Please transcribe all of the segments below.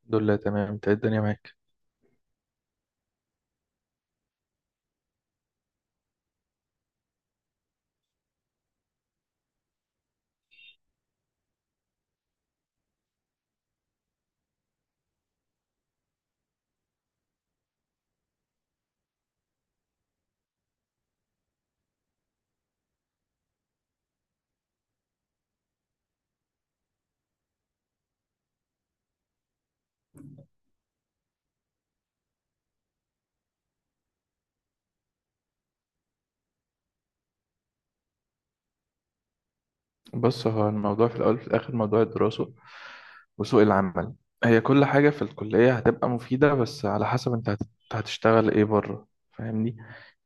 الحمد لله تمام، انت ايه الدنيا معاك؟ بص، هو الموضوع في الاول وفي الاخر موضوع الدراسه وسوق العمل. هي كل حاجه في الكليه هتبقى مفيده، بس على حسب انت انت هتشتغل ايه بره. فاهمني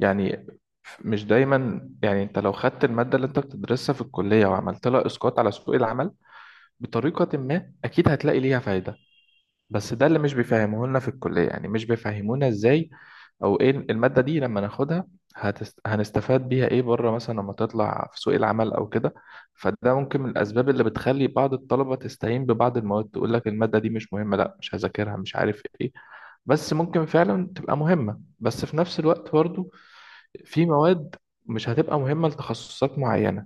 يعني؟ مش دايما يعني انت لو خدت الماده اللي انت بتدرسها في الكليه وعملت لها اسقاط على سوق العمل بطريقه ما، اكيد هتلاقي ليها فايده. بس ده اللي مش بيفهموه لنا في الكلية، يعني مش بيفهمونا ازاي او ايه المادة دي لما ناخدها هنستفاد بيها ايه بره مثلا لما تطلع في سوق العمل او كده. فده ممكن من الاسباب اللي بتخلي بعض الطلبة تستهين ببعض المواد، تقول لك المادة دي مش مهمة، لا مش هذاكرها، مش عارف ايه. بس ممكن فعلا تبقى مهمة. بس في نفس الوقت برضو في مواد مش هتبقى مهمة لتخصصات معينة،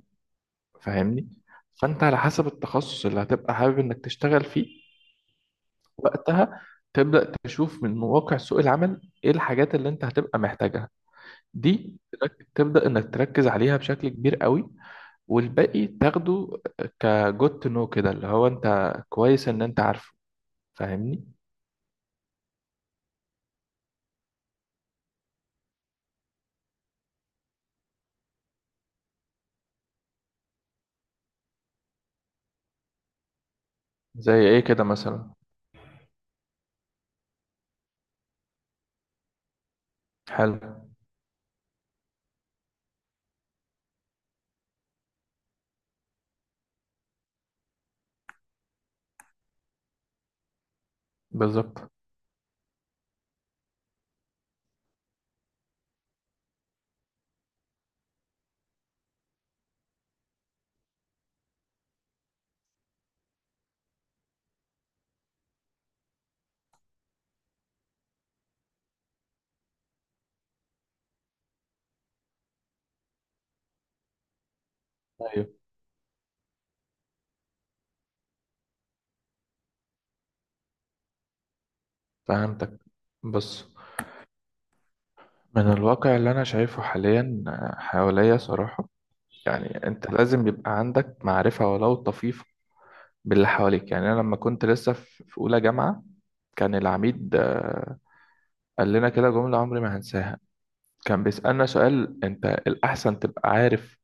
فاهمني؟ فانت على حسب التخصص اللي هتبقى حابب انك تشتغل فيه، وقتها تبدأ تشوف من واقع سوق العمل ايه الحاجات اللي انت هتبقى محتاجها. تبدأ انك تركز عليها بشكل كبير قوي، والباقي تاخده كجود تو نو، كده اللي هو انت كويس ان انت عارفه. فاهمني؟ زي ايه كده مثلا؟ حلو. بالظبط. ايوه. فهمتك. بص، من الواقع اللي انا شايفه حاليا حواليا صراحة، يعني انت لازم يبقى عندك معرفة ولو طفيفة باللي حواليك. يعني انا لما كنت لسه في اولى جامعه، كان العميد، قال لنا كده جمله عمري ما هنساها. كان بيسالنا سؤال، انت الاحسن تبقى عارف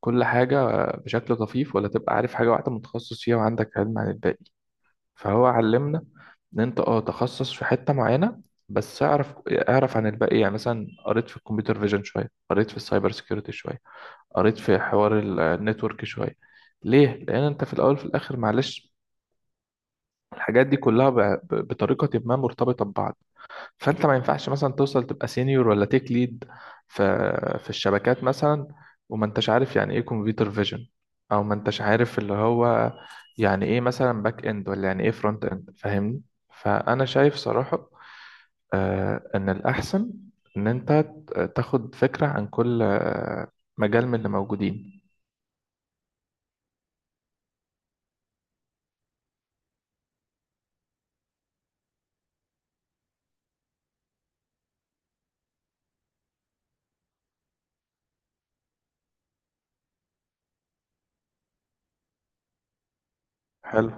كل حاجه بشكل طفيف، ولا تبقى عارف حاجه واحده متخصص فيها وعندك علم عن الباقي. فهو علمنا ان انت اه تخصص في حته معينه، بس اعرف، اعرف عن الباقي. يعني مثلا قريت في الكمبيوتر فيجن شويه، قريت في السايبر سيكيورتي شويه، قريت في حوار النتورك شويه. ليه؟ لان انت في الاول في الاخر معلش، الحاجات دي كلها بطريقة ما مرتبطة ببعض. فأنت ما ينفعش مثلا توصل تبقى سينيور ولا تيك ليد في الشبكات مثلا، وما انتش عارف يعني ايه كمبيوتر فيجن، او ما انتش عارف اللي هو يعني ايه مثلا باك اند، ولا يعني ايه فرونت اند. فاهمني؟ فأنا شايف صراحة ان الأحسن ان انت تاخد فكرة عن كل مجال من اللي موجودين. حلو.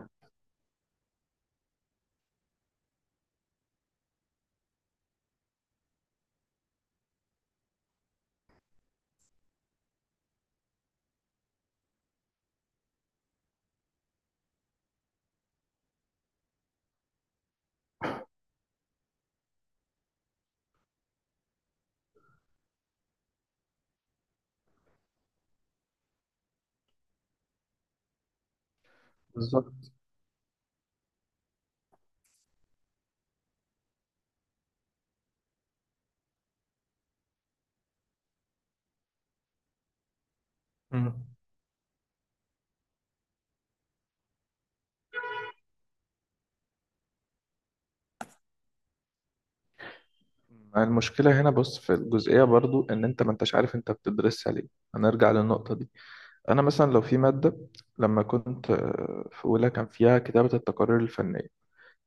بالظبط. مم. المشكلة هنا بص في الجزئية برضو، إن أنت ما أنتش عارف أنت بتدرسها ليه. هنرجع للنقطة دي. أنا مثلا لو في مادة، لما كنت في أولى، كان فيها كتابة التقارير الفنية،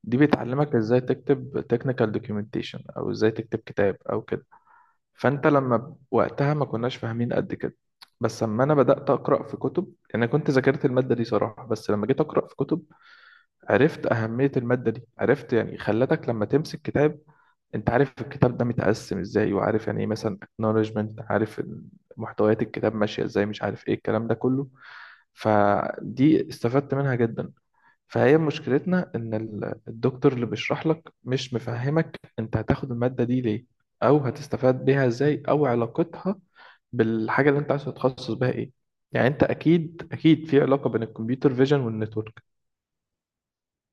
دي بتعلمك إزاي تكتب technical documentation أو إزاي تكتب كتاب أو كده. فأنت لما وقتها ما كناش فاهمين قد كده، بس لما أنا بدأت أقرأ في كتب، يعني أنا كنت ذاكرت المادة دي صراحة، بس لما جيت أقرأ في كتب عرفت أهمية المادة دي، عرفت يعني، خلتك لما تمسك كتاب انت عارف الكتاب ده متقسم ازاي، وعارف يعني ايه مثلا acknowledgement، عارف محتويات الكتاب ماشية ازاي، مش عارف ايه الكلام ده كله. فدي استفدت منها جدا. فهي مشكلتنا ان الدكتور اللي بيشرح لك مش مفهمك انت هتاخد المادة دي ليه، او هتستفاد بيها ازاي، او علاقتها بالحاجة اللي انت عايز تتخصص بها ايه. يعني انت اكيد اكيد في علاقة بين الكمبيوتر فيجن والنتورك.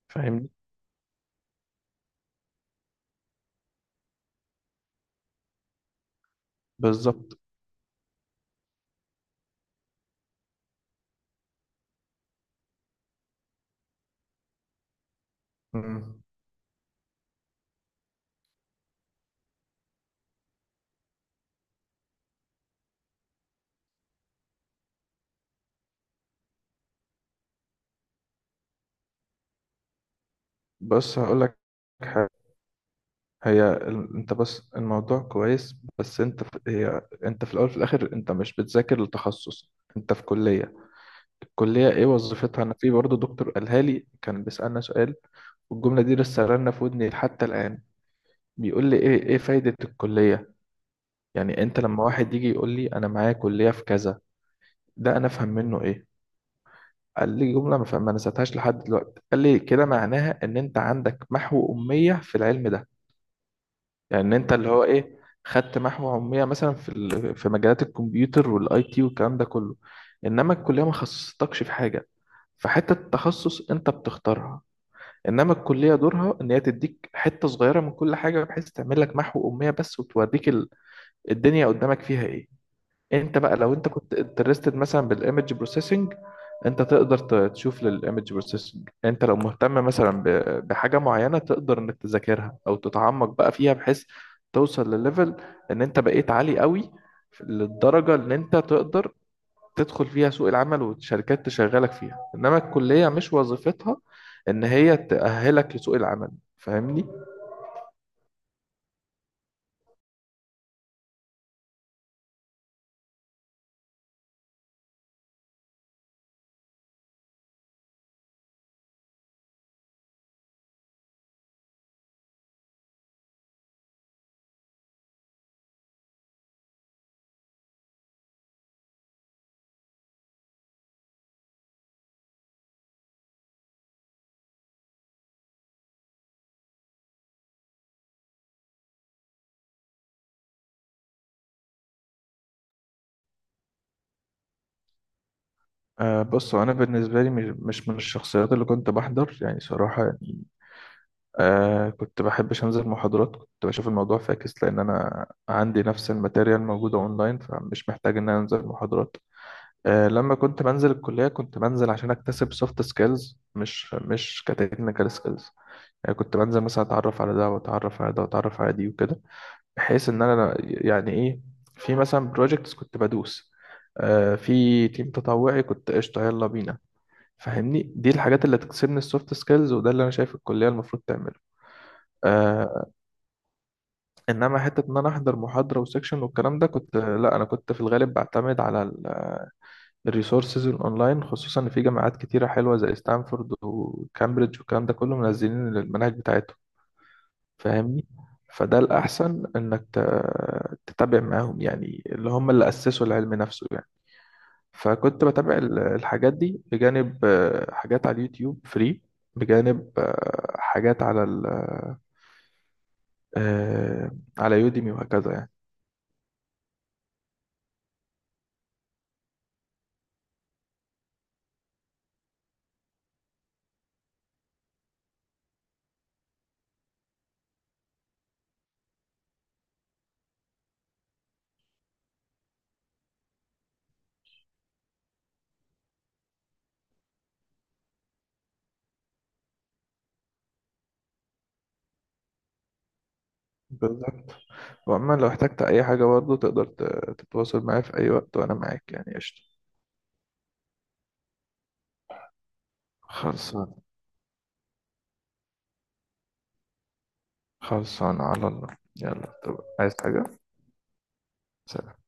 فاهمني؟ بالظبط. مم. بص هقول لك، انت بس الموضوع كويس، بس انت هي انت في الاول في الاخر انت مش بتذاكر التخصص، انت في كلية. الكلية ايه وظيفتها؟ انا في برضه دكتور قالها لي، كان بيسألنا سؤال، والجملة دي لسه رنة في ودني حتى الآن. بيقول لي ايه فايدة الكلية؟ يعني انت لما واحد يجي يقول لي انا معايا كلية في كذا، ده انا افهم منه ايه؟ قال لي جملة ما نسيتهاش لحد دلوقتي. قال لي كده معناها ان انت عندك محو أمية في العلم ده، يعني ان انت اللي هو ايه، خدت محو علميه مثلا في في مجالات الكمبيوتر والاي تي والكلام ده كله. انما الكليه ما خصصتكش في حاجه، فحته التخصص انت بتختارها. انما الكليه دورها ان هي تديك حته صغيره من كل حاجه، بحيث تعمل لك محو اميه بس، وتوريك الدنيا قدامك فيها ايه. انت بقى لو انت كنت انترستد مثلا بالايمج بروسيسنج، انت تقدر تشوف للايمج بروسيسنج. انت لو مهتم مثلا بحاجه معينه، تقدر انك تذاكرها او تتعمق بقى فيها، بحيث توصل لليفل ان انت بقيت عالي قوي، للدرجه ان انت تقدر تدخل فيها سوق العمل والشركات تشغلك فيها. انما الكليه مش وظيفتها ان هي تأهلك لسوق العمل. فاهمني؟ بص، انا بالنسبه لي مش من الشخصيات اللي كنت بحضر يعني صراحه يعني. كنت بحبش أنزل محاضرات، كنت بشوف الموضوع فاكس، لأن أنا عندي نفس الماتيريال موجودة أونلاين، فمش محتاج إن أنا أنزل محاضرات. لما كنت بنزل الكلية كنت بنزل عشان أكتسب سوفت سكيلز، مش كتكنيكال سكيلز. يعني كنت بنزل مثلا أتعرف على ده، وأتعرف على ده، وأتعرف على دي، وكده، بحيث إن أنا يعني إيه، في مثلا بروجكتس كنت بدوس، آه في تيم تطوعي كنت قشطة يلا بينا. فاهمني؟ دي الحاجات اللي تكسبني السوفت سكيلز، وده اللي أنا شايف الكلية المفروض تعمله. آه، انما حته ان انا احضر محاضره وسكشن والكلام ده، كنت لا، انا كنت في الغالب بعتمد على الريسورسز الاونلاين، خصوصا ان في جامعات كتيره حلوه زي ستانفورد وكامبريدج والكلام ده كله منزلين المناهج بتاعتهم. فاهمني؟ فده الاحسن انك تتابع معاهم، يعني اللي هم اللي اسسوا العلم نفسه يعني. فكنت بتابع الحاجات دي، بجانب حاجات على اليوتيوب فري، بجانب حاجات على آه، على يوديمي، وهكذا يعني. بالظبط. وعموما لو احتجت أي حاجة برضه تقدر تتواصل معايا في أي وقت وأنا معاك يعني قشطة. خلصان. خلصان على الله. يلا طب، عايز حاجة؟ سلام.